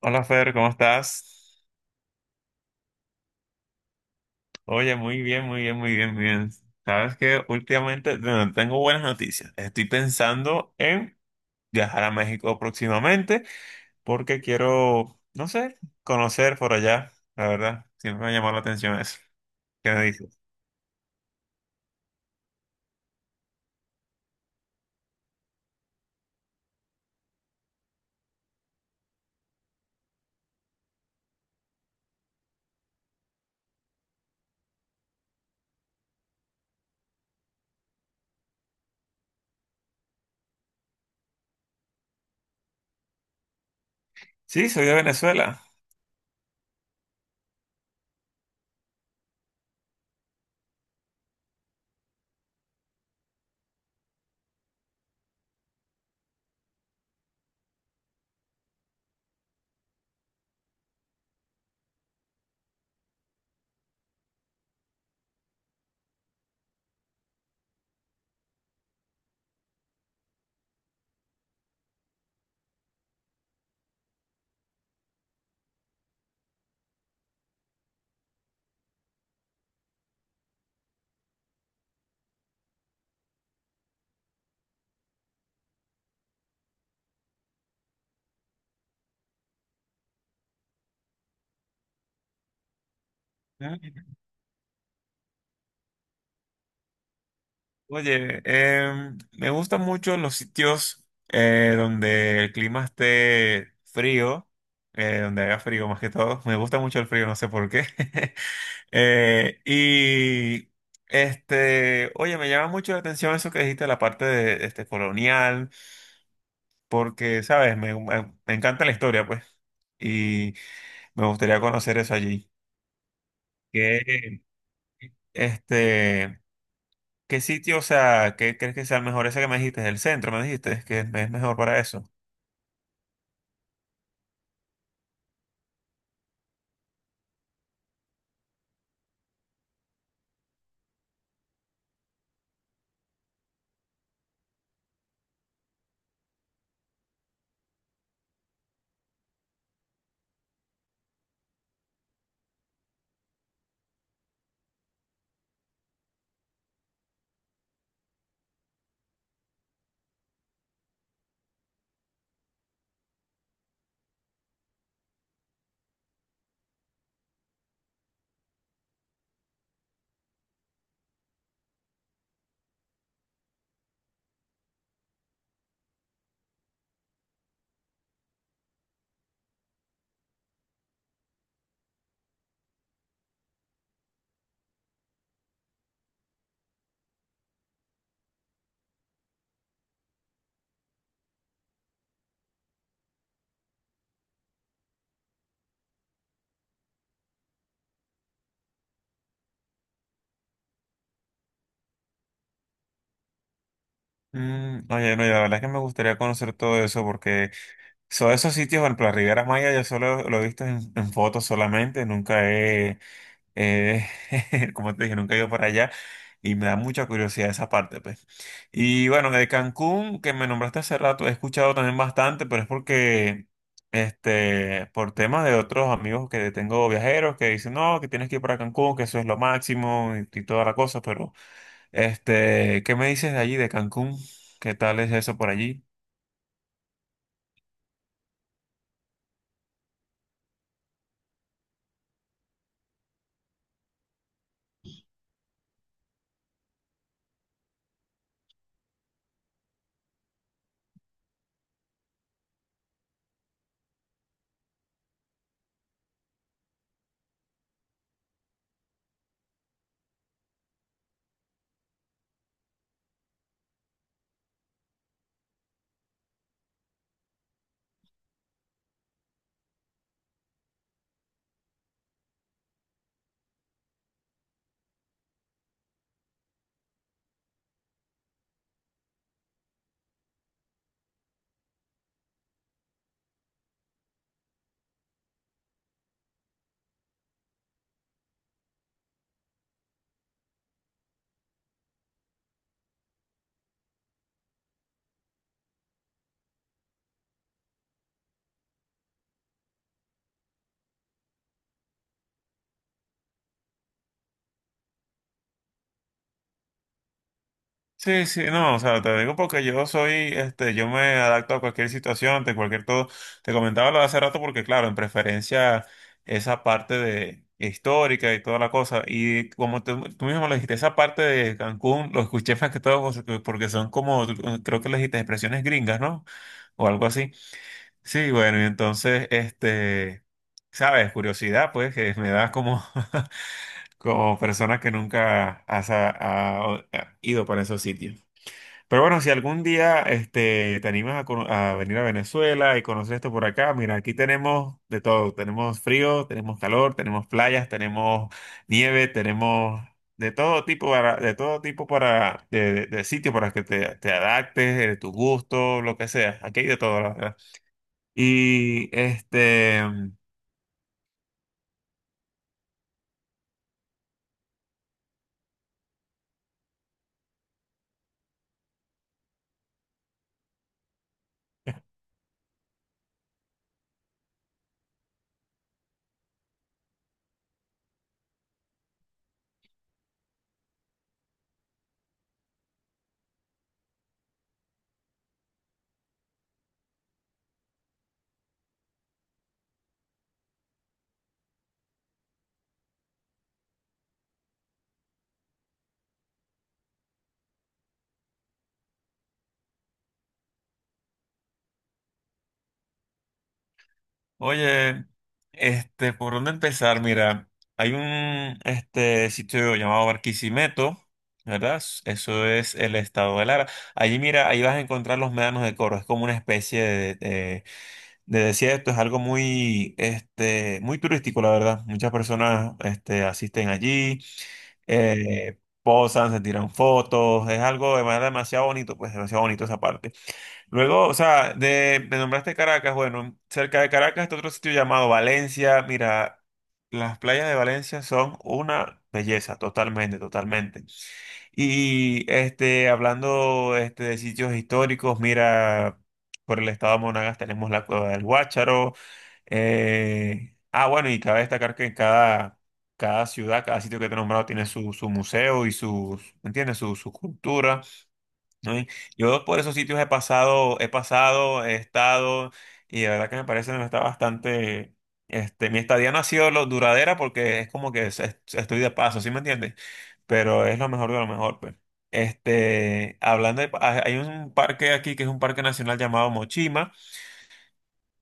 Hola Fer, ¿cómo estás? Oye, muy bien, muy bien, muy bien, muy bien. Sabes que últimamente, bueno, tengo buenas noticias. Estoy pensando en viajar a México próximamente porque quiero, no sé, conocer por allá. La verdad, siempre me ha llamado la atención eso. ¿Qué me dices? Sí, soy de Venezuela. Ah, oye, me gustan mucho los sitios donde el clima esté frío, donde haga frío más que todo. Me gusta mucho el frío, no sé por qué. Eh, y oye, me llama mucho la atención eso que dijiste, la parte de este colonial, porque, sabes, me encanta la historia, pues, y me gustaría conocer eso allí. ¿Qué, este, qué sitio, o sea, qué crees que sea el mejor? Ese que me dijiste, el centro, me dijiste, que es mejor para eso. Mm, oye, no, y la verdad es que me gustaría conocer todo eso porque son esos sitios, por ejemplo, la Riviera Maya yo solo lo he visto en fotos solamente, nunca he, Eh, como te dije, nunca he ido para allá y me da mucha curiosidad esa parte, pues. Y bueno, de Cancún, que me nombraste hace rato, he escuchado también bastante, pero es porque, por temas de otros amigos que tengo viajeros que dicen, no, que tienes que ir para Cancún, que eso es lo máximo y toda la cosa, pero, ¿qué me dices de allí, de Cancún? ¿Qué tal es eso por allí? Sí, sí, no, o sea, te digo porque yo soy, yo me adapto a cualquier situación, de cualquier todo. Te comentaba lo de hace rato porque, claro, en preferencia esa parte de histórica y toda la cosa. Y como tú mismo lo dijiste, esa parte de Cancún, lo escuché más que todo porque son como, creo que le dijiste expresiones gringas, ¿no? O algo así. Sí, bueno, y entonces, sabes, curiosidad, pues, que me da como, como persona que nunca has, ha ha ido para esos sitios. Pero bueno, si algún día te animas a, a venir a Venezuela y conocer esto por acá, mira, aquí tenemos de todo. Tenemos frío, tenemos calor, tenemos playas, tenemos nieve, tenemos de todo tipo para, de sitio para que te adaptes, tu gusto, lo que sea. Aquí hay de todo, la verdad. Y este. Oye, ¿por dónde empezar? Mira, hay un este sitio llamado Barquisimeto, ¿verdad? Eso es el estado de Lara. Allí, mira, ahí vas a encontrar los médanos de Coro. Es como una especie de desierto. Es algo muy, muy turístico, la verdad. Muchas personas, asisten allí, posan, se tiran fotos. Es algo de manera demasiado bonito, pues demasiado bonito esa parte. Luego, o sea, de, me nombraste Caracas, bueno, cerca de Caracas está otro sitio llamado Valencia. Mira, las playas de Valencia son una belleza, totalmente, totalmente. Y hablando de sitios históricos, mira, por el estado de Monagas tenemos la Cueva del Guácharo. Ah, bueno, y cabe destacar que en cada ciudad, cada sitio que te he nombrado tiene su museo y sus, ¿entiendes? Su cultura. ¿No? Y yo por esos sitios he pasado, he estado, y la verdad que me parece que está bastante, mi estadía no ha sido lo duradera porque es como que estoy de paso, ¿sí me entiendes? Pero es lo mejor de lo mejor, pues. Hablando de, hay un parque aquí que es un parque nacional llamado Mochima.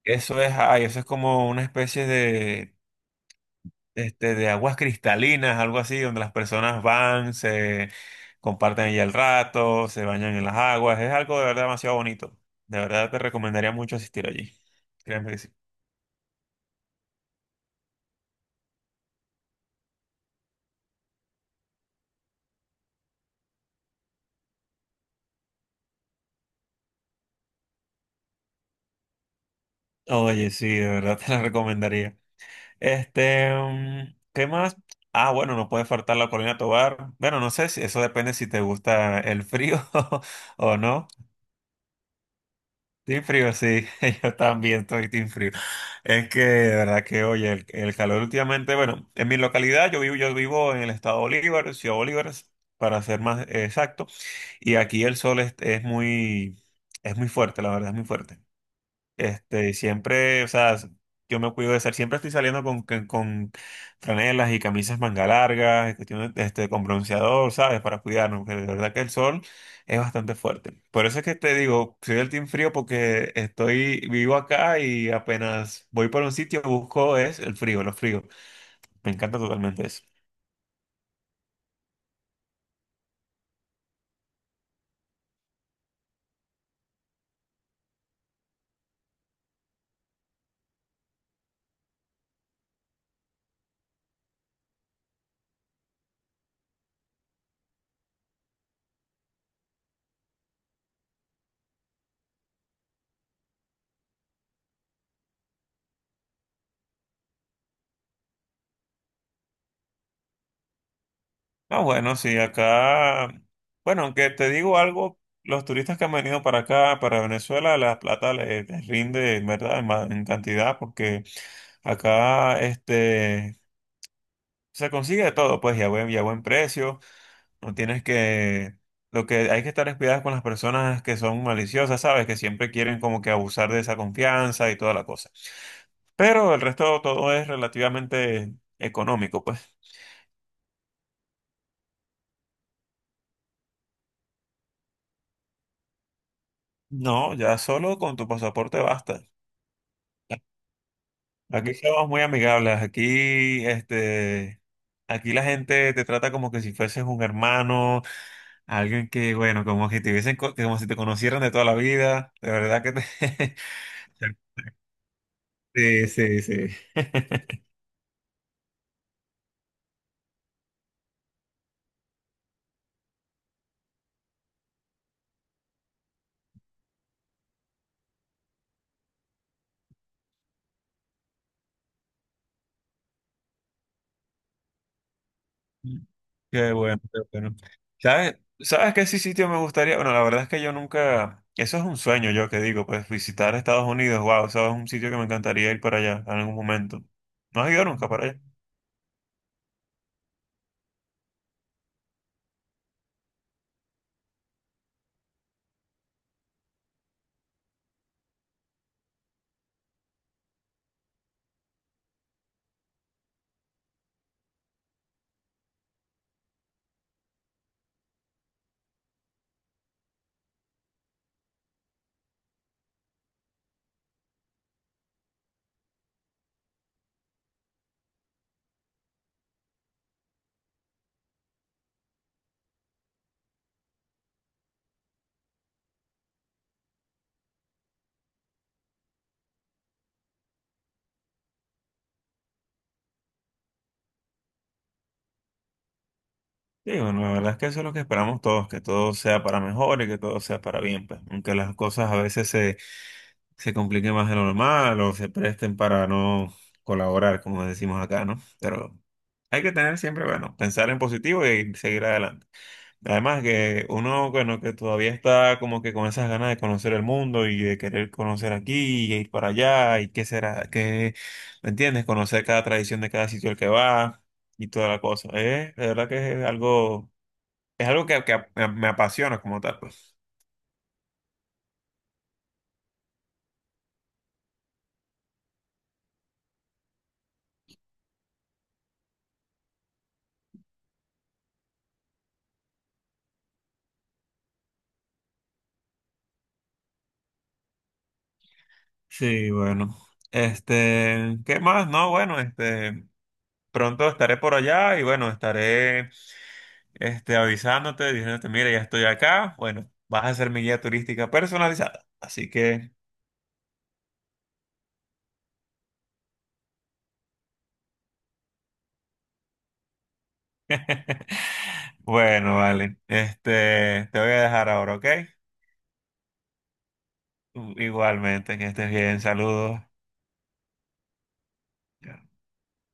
Eso es, ay, eso es como una especie de aguas cristalinas, algo así, donde las personas van, se comparten allí el rato, se bañan en las aguas. Es algo de verdad demasiado bonito. De verdad te recomendaría mucho asistir allí. Créeme que sí. Oye, sí, de verdad te la recomendaría. ¿Qué más? Ah, bueno, no puede faltar la Corina Tobar. Bueno, no sé si eso depende si te gusta el frío o no. Team frío, sí, yo también estoy team frío. Es que, de verdad que, oye, el calor últimamente, bueno, en mi localidad, yo vivo en el estado de Bolívar, Ciudad Bolívar, para ser más exacto, y aquí el sol es muy fuerte, la verdad, es muy fuerte. Y siempre, o sea, yo me cuido de ser, siempre estoy saliendo con franelas y camisas manga largas, y cuestiones, con bronceador, ¿sabes? Para cuidarnos, porque de verdad que el sol es bastante fuerte. Por eso es que te digo, soy del team frío porque estoy, vivo acá y apenas voy por un sitio, busco es el frío, los fríos. Me encanta totalmente eso. Ah, bueno, sí, acá, bueno, aunque te digo algo, los turistas que han venido para acá, para Venezuela, la plata les rinde, en ¿verdad? En cantidad, porque acá, se consigue de todo, pues, y a buen precio, no tienes que, lo que hay que estar es cuidado con las personas que son maliciosas, ¿sabes? Que siempre quieren como que abusar de esa confianza y toda la cosa. Pero el resto todo es relativamente económico, pues. No, ya solo con tu pasaporte basta. Aquí somos muy amigables, aquí aquí la gente te trata como que si fueses un hermano, alguien que, bueno, como si te hubiesen como si te conocieran de toda la vida, de verdad que te... Sí, sí, sí. Qué bueno, qué bueno. ¿Sabes? ¿Sabes qué sí sitio me gustaría? Bueno, la verdad es que yo nunca, eso es un sueño yo que digo, pues visitar Estados Unidos, wow, eso es un sitio que me encantaría ir para allá en algún momento. ¿No has ido nunca para allá? Sí, bueno, la verdad es que eso es lo que esperamos todos, que todo sea para mejor y que todo sea para bien, pues. Aunque las cosas a veces se compliquen más de lo normal o se presten para no colaborar, como decimos acá, ¿no? Pero hay que tener siempre, bueno, pensar en positivo y seguir adelante. Además que uno, bueno, que todavía está como que con esas ganas de conocer el mundo y de querer conocer aquí y ir para allá y qué será, qué, ¿me entiendes? Conocer cada tradición de cada sitio al que va y toda la cosa. De verdad que es algo que me apasiona como tal, pues. Sí, bueno. ¿Qué más? No, bueno, pronto estaré por allá y bueno, estaré avisándote, diciéndote, mira, ya estoy acá. Bueno, vas a ser mi guía turística personalizada. Así que, bueno, vale. Este, te voy a dejar ahora, ¿ok? Igualmente, que estés bien, saludos.